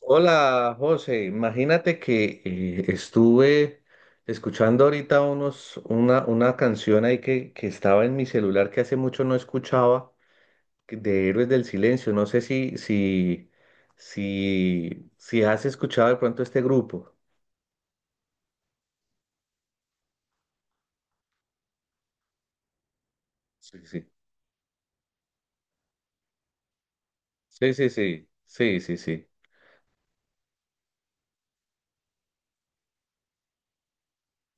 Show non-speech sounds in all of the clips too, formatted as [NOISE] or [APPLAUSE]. Hola, José. Imagínate que estuve escuchando ahorita una canción ahí que estaba en mi celular que hace mucho no escuchaba, de Héroes del Silencio. No sé si has escuchado de pronto este grupo. Sí, sí. Sí, sí, sí. Sí, sí, sí.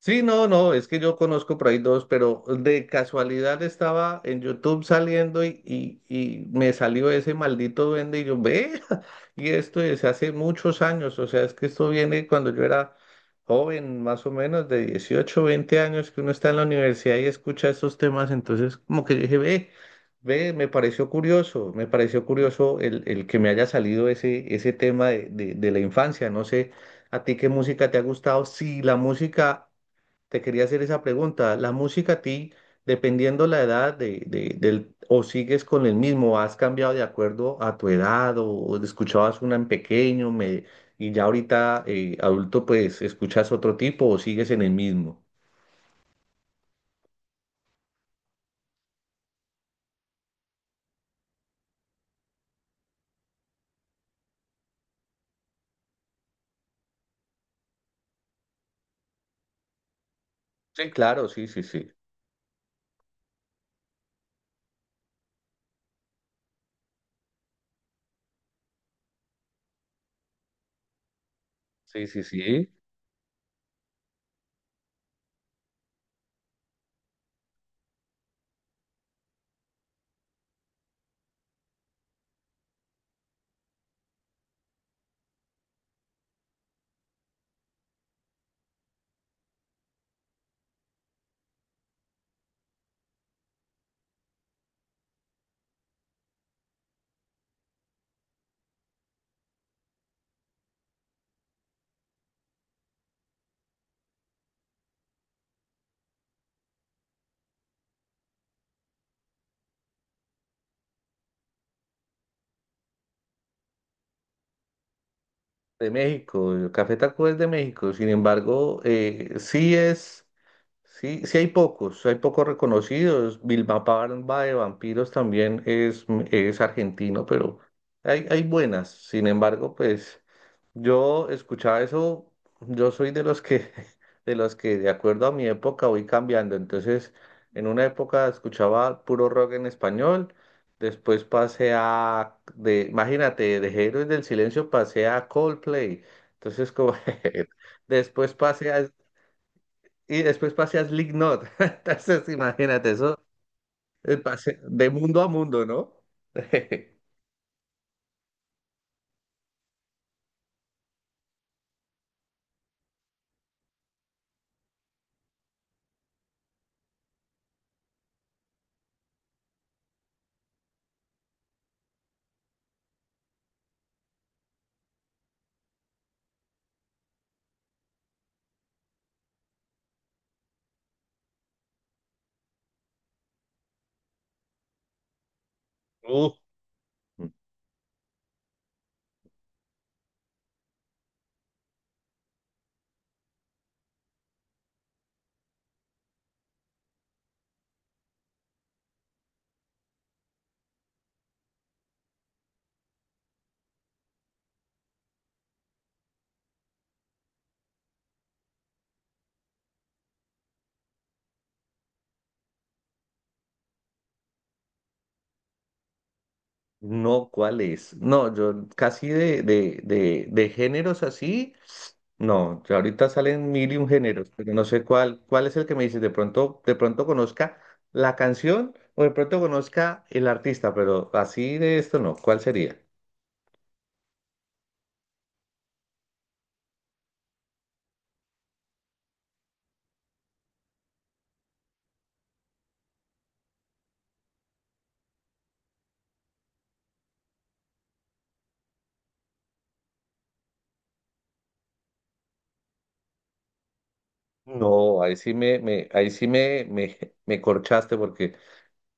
Sí, no, no, es que yo conozco por ahí dos, pero de casualidad estaba en YouTube saliendo y me salió ese maldito duende y yo, ve, [LAUGHS] y esto es hace muchos años, o sea, es que esto viene cuando yo era joven, más o menos de 18 20 años, que uno está en la universidad y escucha estos temas, entonces como que yo dije, ve, ve, me pareció curioso el que me haya salido ese tema de la infancia, no sé. ¿A ti qué música te ha gustado? Si la música te quería hacer esa pregunta. ¿La música a ti, dependiendo la edad del, o sigues con el mismo, has cambiado de acuerdo a tu edad o escuchabas una en pequeño y ya ahorita adulto pues escuchas otro tipo o sigues en el mismo? Sí, claro, sí, sí, sí. Sí, sí, sí. De México, el Café Taco es de México, sin embargo, sí es. Sí, sí hay pocos reconocidos. Vilma Palma de Vampiros también es argentino, pero hay buenas. Sin embargo, pues yo escuchaba eso, yo soy de los que, [LAUGHS] de los que de acuerdo a mi época voy cambiando. Entonces, en una época escuchaba puro rock en español, después pasé imagínate, de Héroes del Silencio pasé a Coldplay. Entonces, como [LAUGHS] después pasé a y después pasé a Slipknot. [LAUGHS] Entonces, imagínate eso, pasé de mundo a mundo, ¿no? [LAUGHS] Uh, no, ¿cuál es? No, yo casi de géneros así, no, ya ahorita salen mil y un géneros, pero no sé cuál, cuál es el que me dices, de pronto conozca la canción o de pronto conozca el artista, pero así de esto no, ¿cuál sería? No, ahí sí me, ahí sí me corchaste porque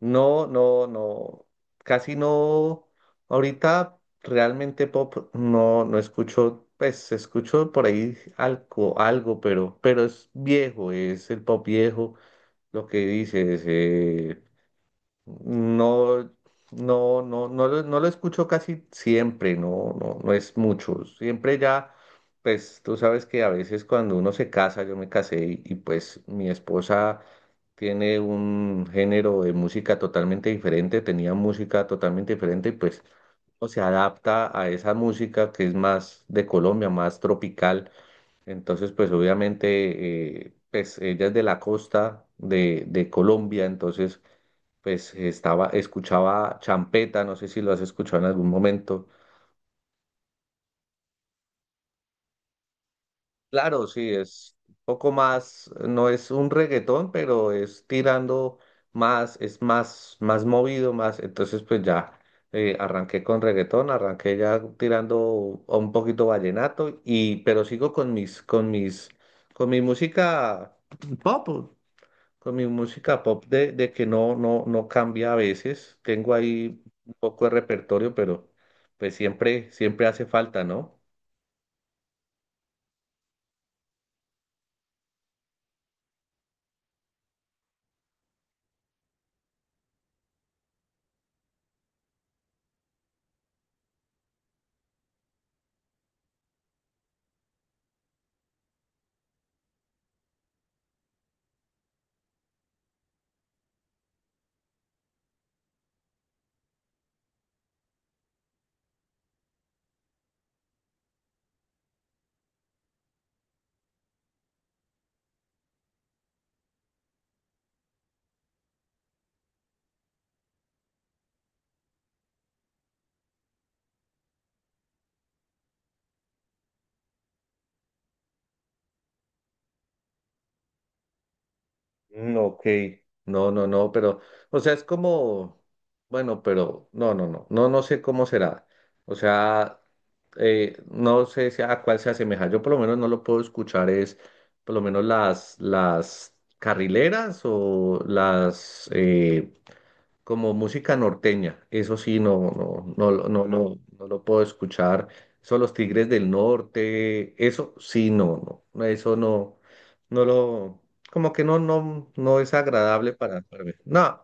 no, no, no, casi no. Ahorita realmente pop no, no escucho, pues escucho por ahí algo, algo, pero es viejo, es el pop viejo, lo que dices, no, no lo, no lo escucho casi siempre, no, no, no es mucho. Siempre ya, pues tú sabes que a veces cuando uno se casa, yo me casé pues mi esposa tiene un género de música totalmente diferente, tenía música totalmente diferente y pues uno se adapta a esa música que es más de Colombia, más tropical. Entonces, pues obviamente, pues ella es de la costa de Colombia, entonces pues estaba, escuchaba champeta, no sé si lo has escuchado en algún momento. Claro, sí, es un poco más, no es un reggaetón, pero es tirando más, es más, más movido, más, entonces pues ya arranqué con reggaetón, arranqué ya tirando a un poquito vallenato y, pero sigo con mi música pop. Con mi música pop de que no, no, no cambia a veces. Tengo ahí un poco de repertorio, pero pues siempre, siempre hace falta, ¿no? Mm, ok. No, no, no, pero, o sea, es como, bueno, pero no, no, no, no, no sé cómo será. O sea, no sé si a cuál se asemeja. Yo por lo menos no lo puedo escuchar, es por lo menos las carrileras o las, como música norteña, eso sí, no, no, no, lo- no, No. no, no lo puedo escuchar. Son los Tigres del Norte, eso sí, no, no, no, eso no, no lo, como que no, no, no es agradable para mí. No,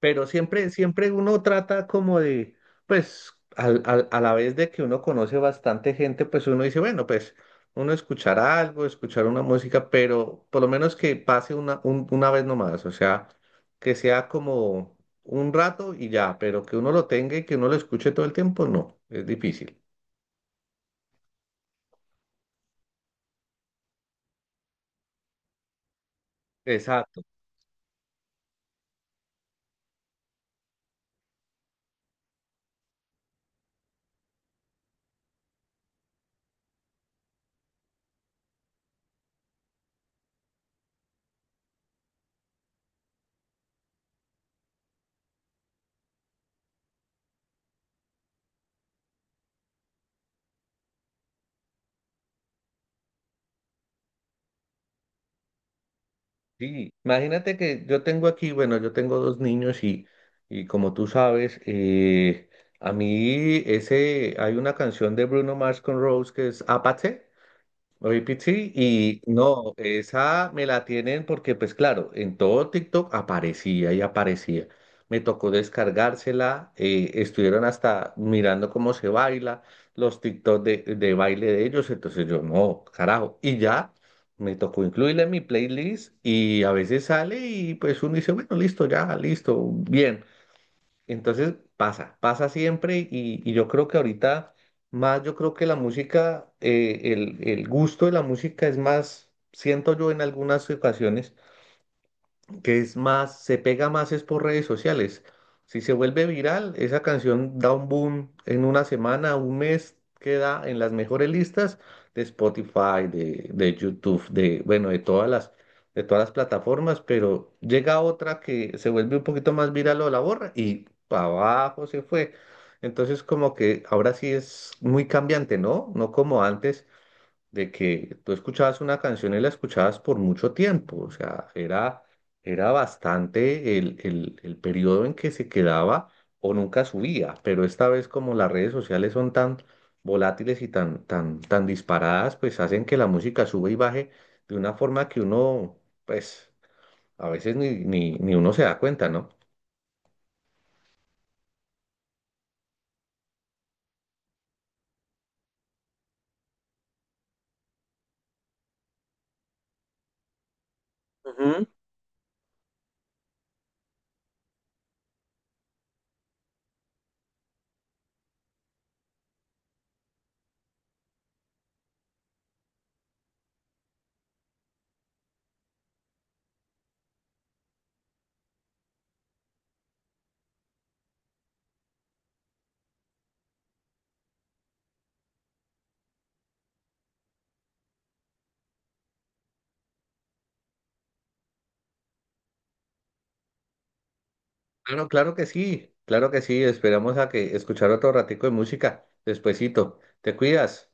pero siempre, siempre uno trata como de, pues, a la vez de que uno conoce bastante gente, pues uno dice, bueno, pues, uno escuchar algo, escuchar una música, pero por lo menos que pase una, una vez nomás, o sea, que sea como un rato y ya, pero que uno lo tenga y que uno lo escuche todo el tiempo, no, es difícil. Exacto. Sí, imagínate que yo tengo aquí, bueno, yo tengo dos niños y como tú sabes, a mí ese, hay una canción de Bruno Mars con Rose que es Apache. Oye, Pichi, y no, esa me la tienen porque, pues claro, en todo TikTok aparecía y aparecía. Me tocó descargársela, estuvieron hasta mirando cómo se baila, los TikTok de baile de ellos, entonces yo, no, carajo, y ya me tocó incluirla en mi playlist y a veces sale y pues uno dice, bueno, listo, ya, listo, bien. Entonces pasa, pasa siempre y yo creo que ahorita más, yo creo que la música, el gusto de la música es más, siento yo en algunas ocasiones, que es más, se pega más es por redes sociales. Si se vuelve viral, esa canción da un boom en una semana, un mes, queda en las mejores listas de Spotify, de YouTube, de, bueno, de todas las plataformas, pero llega otra que se vuelve un poquito más viral o la borra y para abajo se fue. Entonces como que ahora sí es muy cambiante, ¿no? No como antes de que tú escuchabas una canción y la escuchabas por mucho tiempo, o sea, era, era bastante el periodo en que se quedaba o nunca subía, pero esta vez como las redes sociales son tan volátiles y tan, tan, tan disparadas, pues hacen que la música sube y baje de una forma que uno, pues, a veces ni uno se da cuenta, ¿no? Ujú. Claro, claro que sí, esperamos a que escuchar otro ratico de música, despuesito, te cuidas.